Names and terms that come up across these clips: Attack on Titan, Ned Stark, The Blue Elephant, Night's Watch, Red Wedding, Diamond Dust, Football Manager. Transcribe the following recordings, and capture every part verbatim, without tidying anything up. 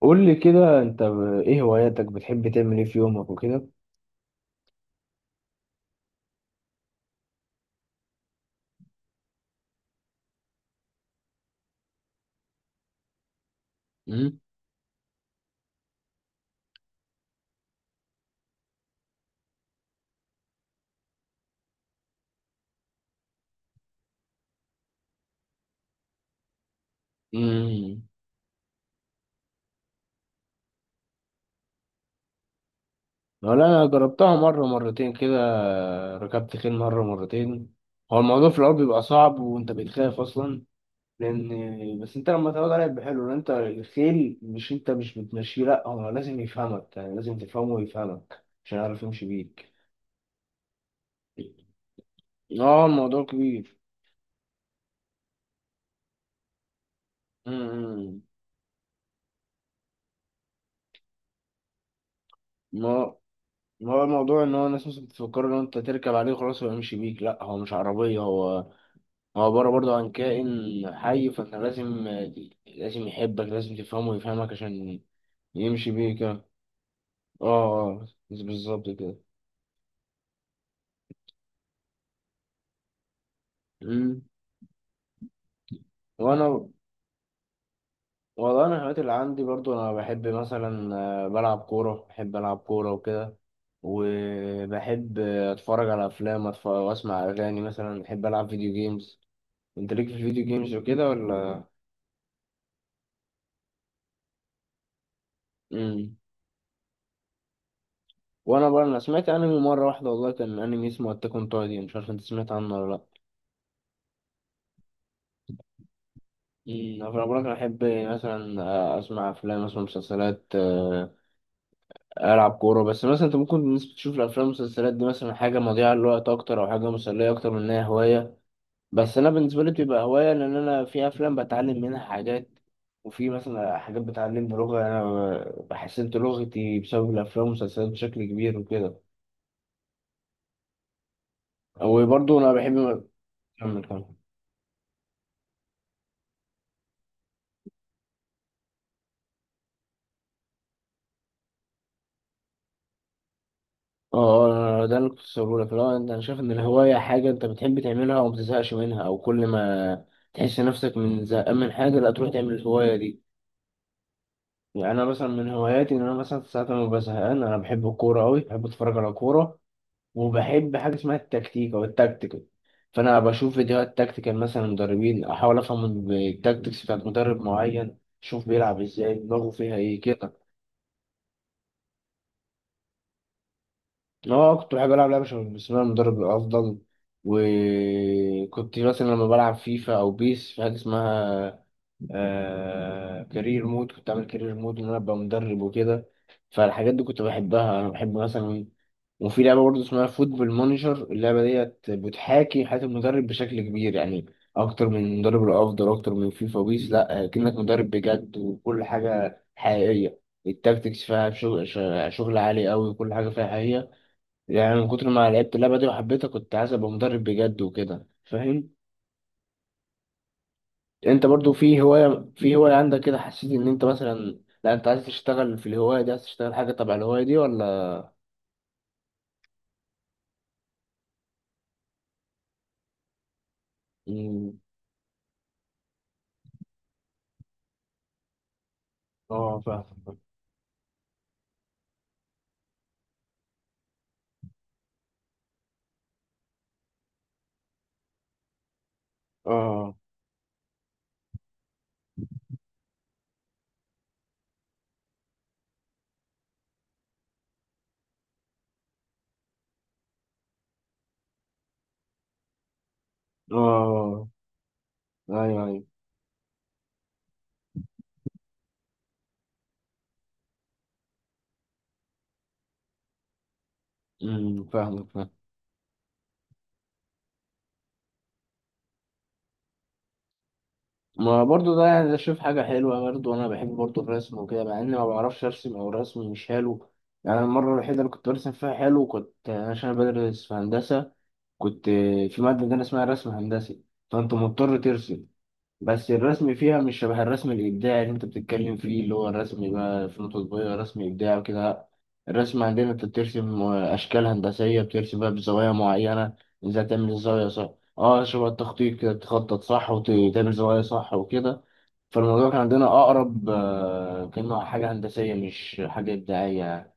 قول لي كده انت ب- ايه هواياتك؟ بتحب تعمل ايه في يومك وكده؟ مم. مم. ولا انا جربتها مره مرتين كده. ركبت خيل مره مرتين. هو الموضوع في الاول بيبقى صعب وانت بتخاف اصلا، لان بس انت لما تقعد عليه بيبقى حلو، لان انت الخيل مش انت مش بتمشيه، لا هو لازم يفهمك، يعني لازم تفهمه ويفهمك عشان يعرف يمشي بيك. اه، الموضوع كبير. مم. هو الموضوع ان هو الناس مثلا بتفكر ان انت تركب عليه خلاص ويمشي بيك، لا هو مش عربيه هو. هو عباره برضه عن كائن حي، فانت لازم لازم يحبك، لازم تفهمه ويفهمك عشان يمشي بيك. اه. اه. آه، بالظبط كده. مم. وانا والله انا الهوايات اللي عندي برضو انا بحب مثلا، آه، بلعب كوره، بحب العب كوره وكده. وبحب آه، اتفرج على افلام، أتف- واسمع اغاني، مثلا بحب العب فيديو جيمز. انت ليك في الفيديو جيمز وكده ولا؟ مم. وانا بقى انا سمعت انمي مره واحده، والله كان انمي اسمه اتاك اون تايتن، مش عارف انت سمعت عنه ولا لا. امم انا بقولك انا احب مثلا آه، اسمع افلام، اسمع مسلسلات، آه، العب كوره. بس مثلا انت ممكن الناس بتشوف الافلام والمسلسلات دي مثلا حاجه مضيعه للوقت اكتر، او حاجه مسليه اكتر من انها هوايه. بس انا بالنسبه لي بتبقى هوايه، لان انا في افلام بتعلم منها حاجات، وفي مثلا حاجات بتعلمني لغه، انا حسنت لغتي بسبب الافلام والمسلسلات بشكل كبير وكده، وبرضه انا بحب. كمل كمل. اه، ده اللي كنت بقوله لك. لا انت، انا شايف ان الهوايه حاجه انت بتحب تعملها وما بتزهقش منها، او كل ما تحس نفسك من زهقان من حاجه لا تروح تعمل الهوايه دي. يعني انا مثلا من هواياتي ان انا مثلا ساعات لما ببقى زهقان، انا بحب الكوره قوي، بحب اتفرج على كوره. وبحب حاجه اسمها التكتيك او التكتيكال، فانا بشوف فيديوهات تكتيكال مثلا مدربين، احاول افهم التكتيكس بتاعت مدرب معين، اشوف بيلعب ازاي، دماغه فيها ايه كده. اه، كنت بحب العب لعبه شبه بسم الله المدرب الافضل. وكنت مثلا لما بلعب فيفا او بيس في حاجه اسمها آه... كارير مود، كنت اعمل كارير مود ان انا ابقى مدرب وكده. فالحاجات دي كنت بحبها، انا بحب مثلا. وفي لعبه برضه اسمها فوتبول مانجر، اللعبه ديت بتحاكي حياه المدرب بشكل كبير، يعني اكتر من المدرب الافضل، اكتر من فيفا وبيس، لا كأنك مدرب بجد وكل حاجه حقيقيه. التاكتكس فيها شغل، شغل عالي قوي، وكل حاجه فيها حقيقيه. يعني من كتر ما لعبت اللعبة دي وحبيتها كنت عايز ابقى مدرب بجد وكده فاهم. انت برضو في هواية في هواية عندك كده، حسيت ان انت مثلا، لا انت عايز تشتغل في الهواية دي، عايز تشتغل حاجة تبع الهواية دي ولا؟ مم. اه، فاهم. اه. اه. ايوه ايوه. امم فاهمك فاهم. ما برضو ده يعني، ده شوف حاجة حلوة برضو، أنا بحب برضو الرسم وكده مع إني ما بعرفش أرسم أو رسمي مش حلو. يعني المرة الوحيدة اللي كنت برسم فيها حلو كنت عشان أنا بدرس في هندسة، كنت في مادة عندنا اسمها رسم هندسي، فأنت مضطر ترسم. بس الرسم فيها مش شبه الرسم الإبداعي اللي أنت بتتكلم فيه، اللي هو الرسم بقى في نقطة صغيرة، رسم إبداعي وكده. لأ. الرسم عندنا أنت بترسم أشكال هندسية، بترسم بقى بزوايا معينة، إزاي تعمل الزاوية صح. أه، شبه التخطيط كده، تخطط صح وتعمل زوايا صح وكده. فالموضوع كان عندنا أقرب آه، كأنه حاجة هندسية مش حاجة إبداعية.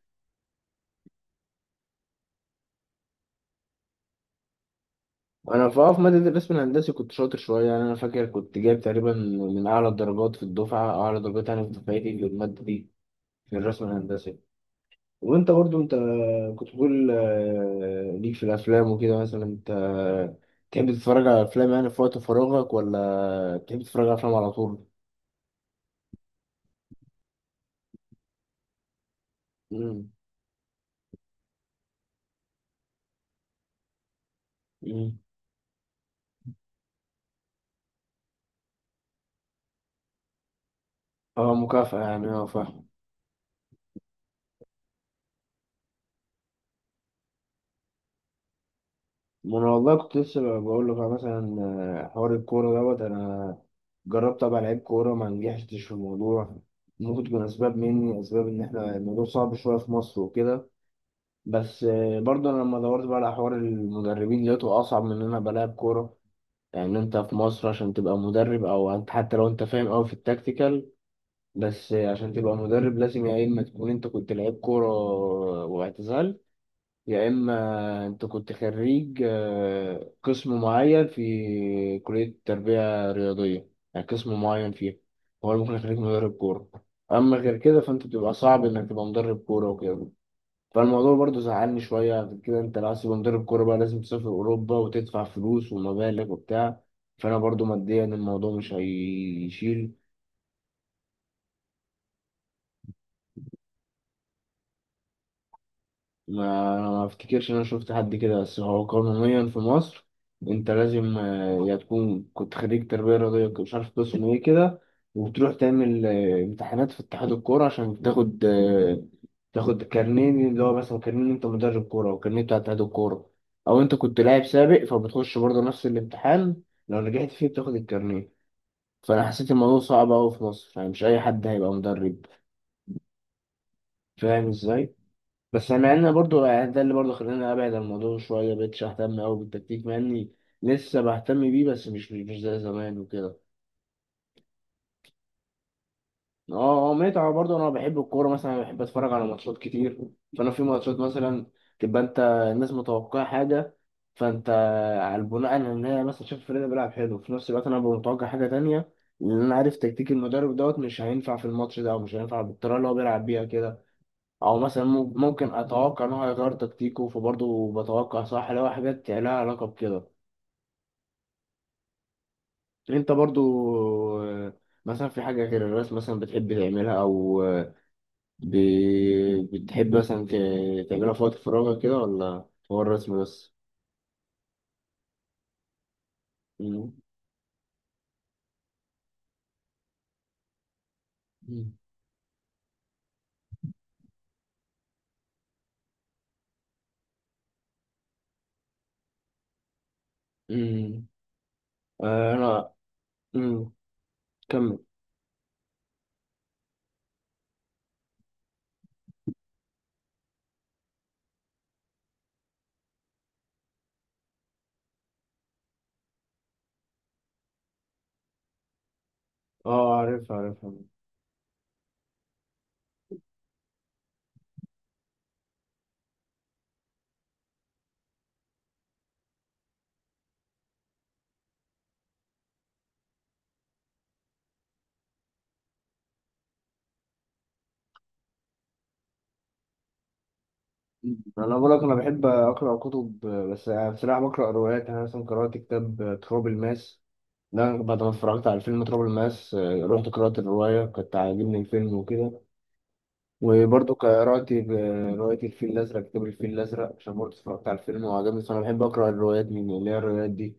انا في اه في ماده الرسم الهندسي كنت شاطر شويه، يعني انا فاكر كنت جايب تقريبا من اعلى الدرجات في الدفعه، اعلى درجات يعني في دفعتي للماده دي، في الرسم الهندسي. وانت برضو انت كنت بتقول آه، ليك في الافلام وكده، مثلا انت تحب تتفرج على افلام يعني في وقت فراغك، ولا تحب تتفرج على افلام على طول؟ امم. امم. اه، مكافأة يعني. اه، فاهم. ما انا والله كنت لسه بقول لك مثلا آه، حوار الكوره دوت. انا جربت ابقى لعيب كوره، ما نجحتش في الموضوع، ممكن تكون اسباب مني، اسباب ان احنا الموضوع صعب شويه في مصر وكده. بس آه، برضه انا لما دورت بقى على حوار المدربين لقيته اصعب من ان انا ابقى لاعب كوره. يعني انت في مصر عشان تبقى مدرب، او انت حتى لو انت فاهم قوي في التكتيكال، بس آه، عشان تبقى مدرب لازم يا اما تكون انت كنت لعيب كوره واعتزال، يا إما أنت كنت خريج آه، قسم معين في كلية تربية رياضية، يعني قسم معين فيها هو ممكن يخليك مدرب كورة. أما غير كده فأنت بتبقى صعب إنك تبقى مدرب كورة وكده. فالموضوع برضه زعلني شوية، عشان كده أنت لو عايز تبقى مدرب كورة بقى لازم تسافر أوروبا وتدفع فلوس ومبالغ وبتاع، فأنا برضه ماديا الموضوع مش هيشيل. ما ما افتكرش ان انا شفت حد كده. بس هو قانونيا في مصر انت لازم آه، يا تكون كنت خريج تربية رياضية، مش عارف قسم ايه كده، وبتروح تعمل آه، امتحانات في اتحاد الكورة عشان تاخد آه، تاخد كارنيه، اللي هو مثلا كارنيه إن انت مدرب كورة، او كارنيه بتاع اتحاد الكورة، او انت كنت لاعب سابق فبتخش برضه نفس الامتحان، لو نجحت فيه بتاخد الكارنيه. فانا حسيت الموضوع صعب قوي في مصر، يعني مش اي حد هيبقى مدرب فاهم ازاي. بس مع ان برضو يعني ده اللي برضو خلاني ابعد عن الموضوع شويه، مبقتش اهتم قوي بالتكتيك، مع اني لسه بهتم بيه، بس مش مش زي زمان وكده. اه. اه، متعه برضو، انا بحب الكوره مثلا، بحب اتفرج على ماتشات كتير. فانا في ماتشات مثلا تبقى انت، الناس متوقعه حاجه، فانت على البناء على ان هي مثلا شايف الفريق ده بيلعب حلو، في نفس الوقت انا ببقى متوقع حاجه تانية، لان انا عارف تكتيك المدرب دوت مش هينفع في الماتش ده، او مش هينفع بالطريقه اللي هو بيلعب بيها كده، او مثلا مم- ممكن اتوقع ان هو هيغير تكتيكه، فبرضه بتوقع صح لو حاجات لها علاقه بكده. انت برضه آه، مثلا في حاجه غير الرسم مثلا بتحب تعملها، او آه، ب... بتحب مثلا ت- تعملها في وقت فراغك كده، ولا هو الرسم بس؟ مم. مم. مم. آه، انا. مم. كمل. اه، عارف عارف عارف. انا بقول لك انا بحب اقرا كتب، بس بصراحه بقرا روايات. يعني انا مثلا قرات كتاب آه، تراب الماس، لا بعد ما اتفرجت على فيلم تراب الماس آه، رحت قرأت الرواية، كنت عاجبني الفيلم وكده. وبرضه قرأت ب- رواية الفيل الأزرق، كتاب الفيل الأزرق عشان برضه اتفرجت على الفيلم وعجبني. بس أنا بحب أقرأ الروايات من اللي هي الروايات دي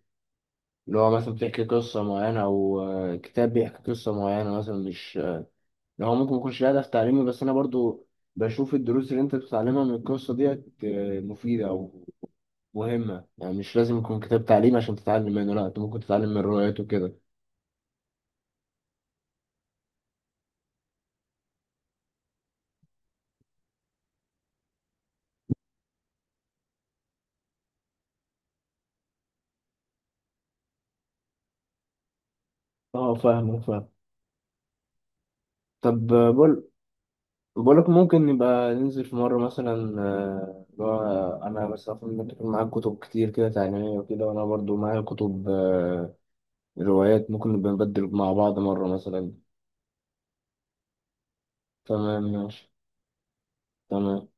اللي هو مثلا بتحكي قصة معينة، أو آه، كتاب بيحكي قصة معينة مثلا، مش اللي هو ممكن يكونش ليه هدف تعليمي، بس أنا برضه بشوف الدروس اللي أنت بتتعلمها من القصة ديت آه، مفيدة أو مهمة، يعني مش لازم يكون كتاب تعليمي عشان تتعلم منه، لا أنت ممكن تتعلم من الروايات وكده. اه، فاهمك فاهم. طب بقول بقولك ممكن نبقى ننزل في مرة مثلا آه، اللي هو أنا بس أفهم إنك يكون معاك كتب كتير كده تعليمية وكده، وأنا برضو معايا كتب آه، روايات، ممكن نبقى نبدل مع بعض مرة مثلا. تمام ماشي. تمام.